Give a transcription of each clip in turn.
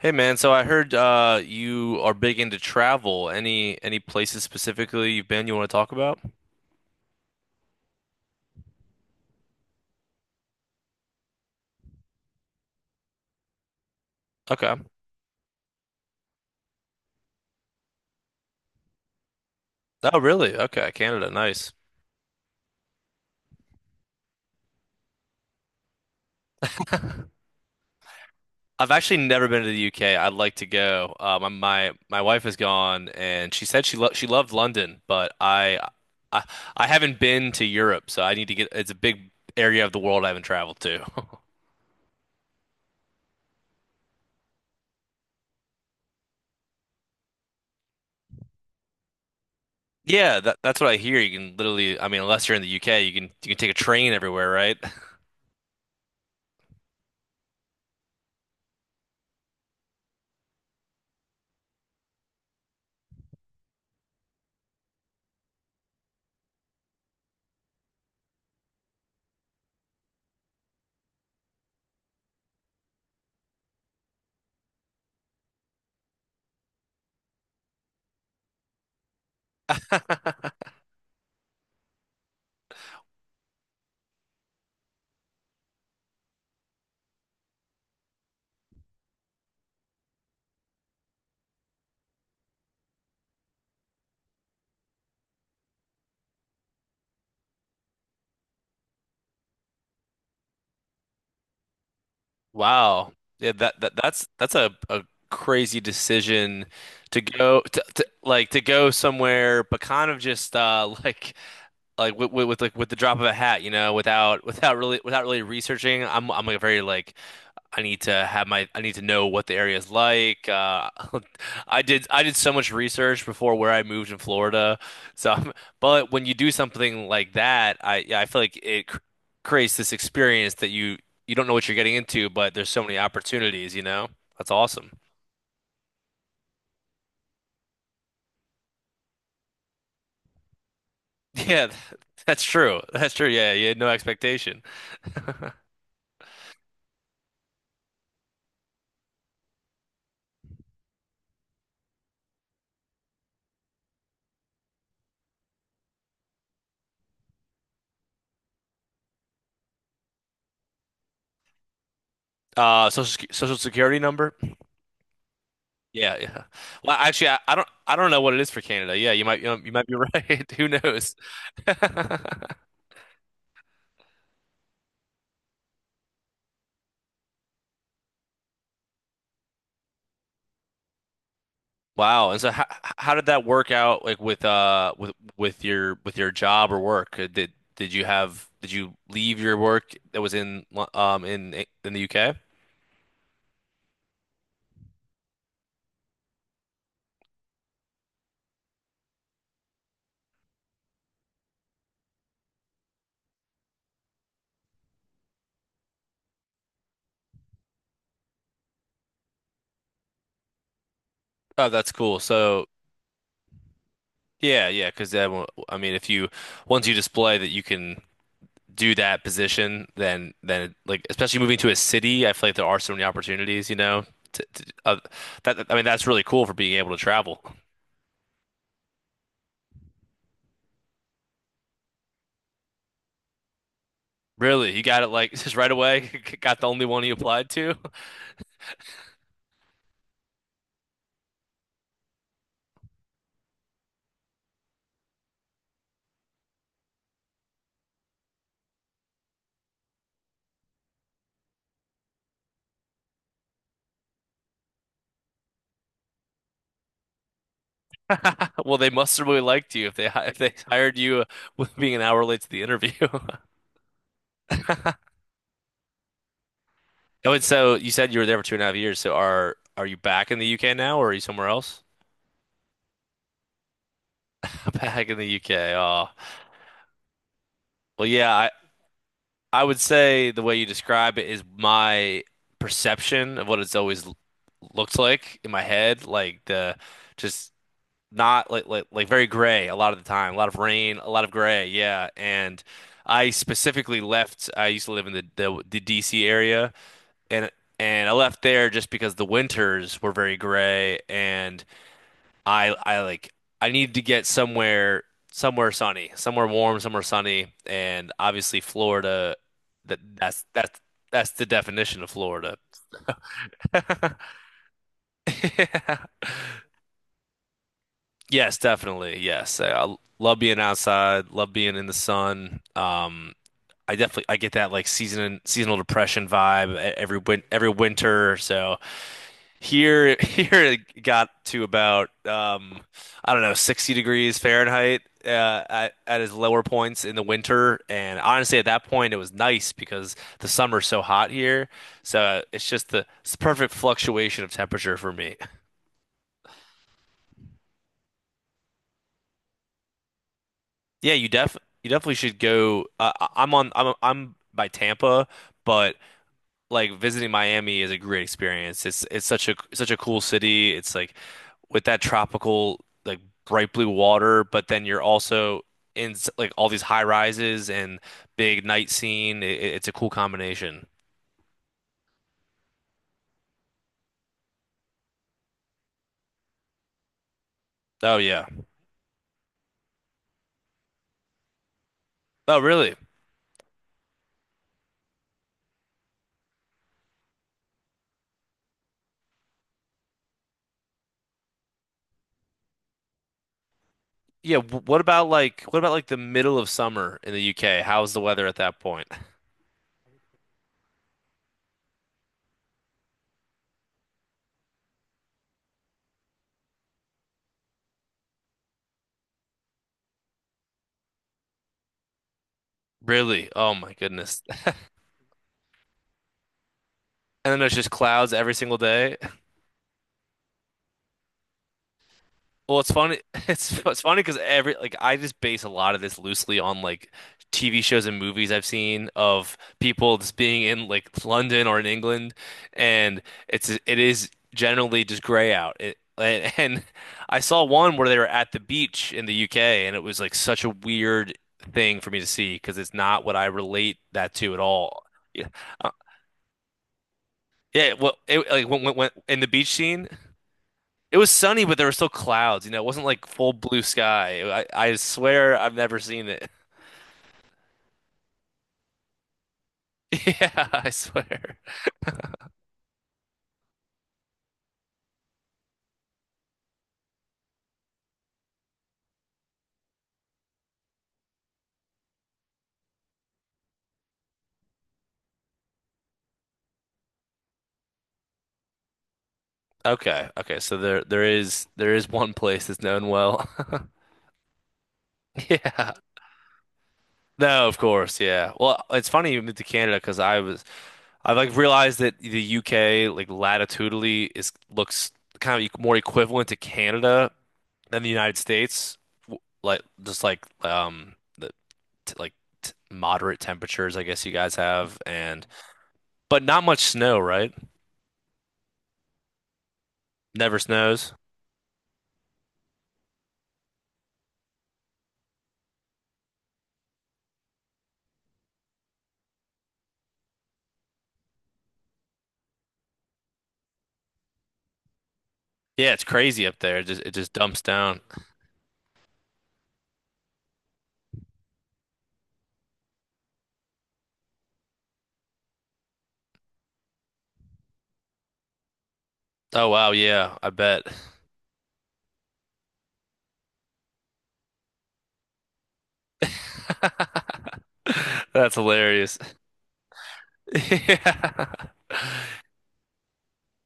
Hey man, so I heard you are big into travel. Any places specifically you want to talk about? Okay. Oh really? Okay, Canada, nice. I've actually never been to the UK. I'd like to go. My wife has gone and she said she loved London, but I I haven't been to Europe, so I need to get it's a big area of the world I haven't traveled to. Yeah, that's what I hear. You can literally, I mean, unless you're in the UK, you can take a train everywhere, right? Wow. Yeah, that's a crazy decision to go to like to go somewhere, but kind of just like with, with like with the drop of a hat, you know, without really researching. I'm like a very I need to have my I need to know what the area is like. I did so much research before where I moved in Florida. So, but when you do something like that, I yeah, I feel like it cr creates this experience that you don't know what you're getting into, but there's so many opportunities, you know? That's awesome. Yeah, that's true. That's true. Yeah, you had no expectation. Social security number? Yeah, yeah. Well, actually, I don't know what it is for Canada. Yeah, you might be right. Who knows? Wow. And so how did that work out like with with your with your job or work? Did you have did you leave your work that was in in the UK? Oh, that's cool. So yeah, yeah, 'cause then I mean if you once you display that you can do that position, then like especially moving to a city, I feel like there are so many opportunities, you know. To, that I mean that's really cool for being able to travel. Really, you got it like just right away. Got the only one you applied to. Well, they must have really liked you if they hired you with being an hour late to the interview. Oh, and so you said you were there for two and a half years. So are you back in the UK now, or are you somewhere else? Back in the UK. Oh, well, yeah. I would say the way you describe it is my perception of what it's always looked like in my head, like the just not like very gray a lot of the time, a lot of rain, a lot of gray. Yeah, and I specifically left. I used to live in the DC area, and I left there just because the winters were very gray and I I like I needed to get somewhere somewhere sunny, somewhere warm, somewhere sunny, and obviously Florida that that's that's that's the definition of Florida. Yeah. Yes, definitely. Yes. I love being outside, love being in the sun. Um, I get that like seasonal depression vibe e- every win every winter. So here, here it got to about I don't know, 60 degrees Fahrenheit at its lower points in the winter. And honestly, at that point, it was nice because the summer's so hot here. So it's just the it's the perfect fluctuation of temperature for me. Yeah, you def you definitely should go. I'm I'm by Tampa, but like visiting Miami is a great experience. It's such a cool city. It's like with that tropical like bright blue water, but then you're also in like all these high rises and big night scene. It's a cool combination. Oh yeah. Oh really? Yeah. What about like the middle of summer in the UK? How's the weather at that point? Really? Oh my goodness. And then there's just clouds every single day. Well, it's funny. It's funny because every like I just base a lot of this loosely on like TV shows and movies I've seen of people just being in like London or in England, and it is generally just gray out. And I saw one where they were at the beach in the UK, and it was like such a weird thing for me to see because it's not what I relate that to at all. Yeah, uh, yeah. Well, it, like in the beach scene. It was sunny, but there were still clouds. You know, it wasn't like full blue sky. I swear I've never seen it. Yeah, I swear. Okay, okay. So there is one place that's known well. Yeah. No, of course. Yeah. Well, it's funny you moved to Canada because I like realized that the UK like latitudinally is looks kind of more equivalent to Canada than the United States. Like just like the, t like t moderate temperatures, I guess you guys have, and but not much snow, right? Never snows. Yeah, it's crazy up there. It just dumps down. Oh wow, yeah, I bet. That's hilarious. Yeah.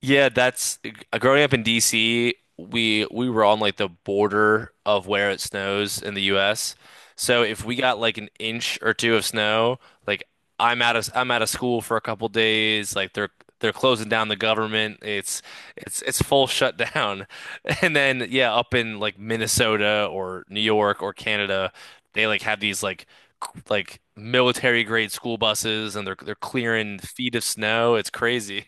Yeah, that's growing up in DC, we were on like the border of where it snows in the US. So if we got like an inch or two of snow, like I'm out of school for a couple days, like they're closing down the government. It's full shutdown. And then yeah, up in like Minnesota or New York or Canada, they like have these like like military grade school buses and they're clearing feet of snow. It's crazy.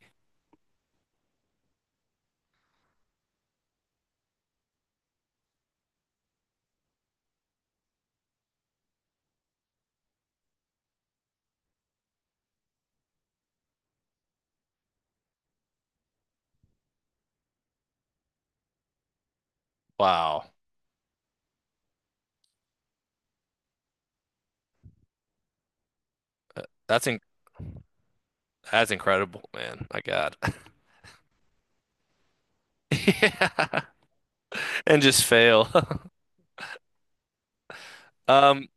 Wow. That's in that's incredible, man. My God. Yeah. And just fail. Um,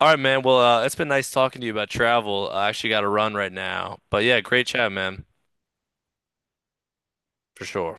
all right, man. Well, it's been nice talking to you about travel. I actually got to run right now. But yeah, great chat, man. For sure.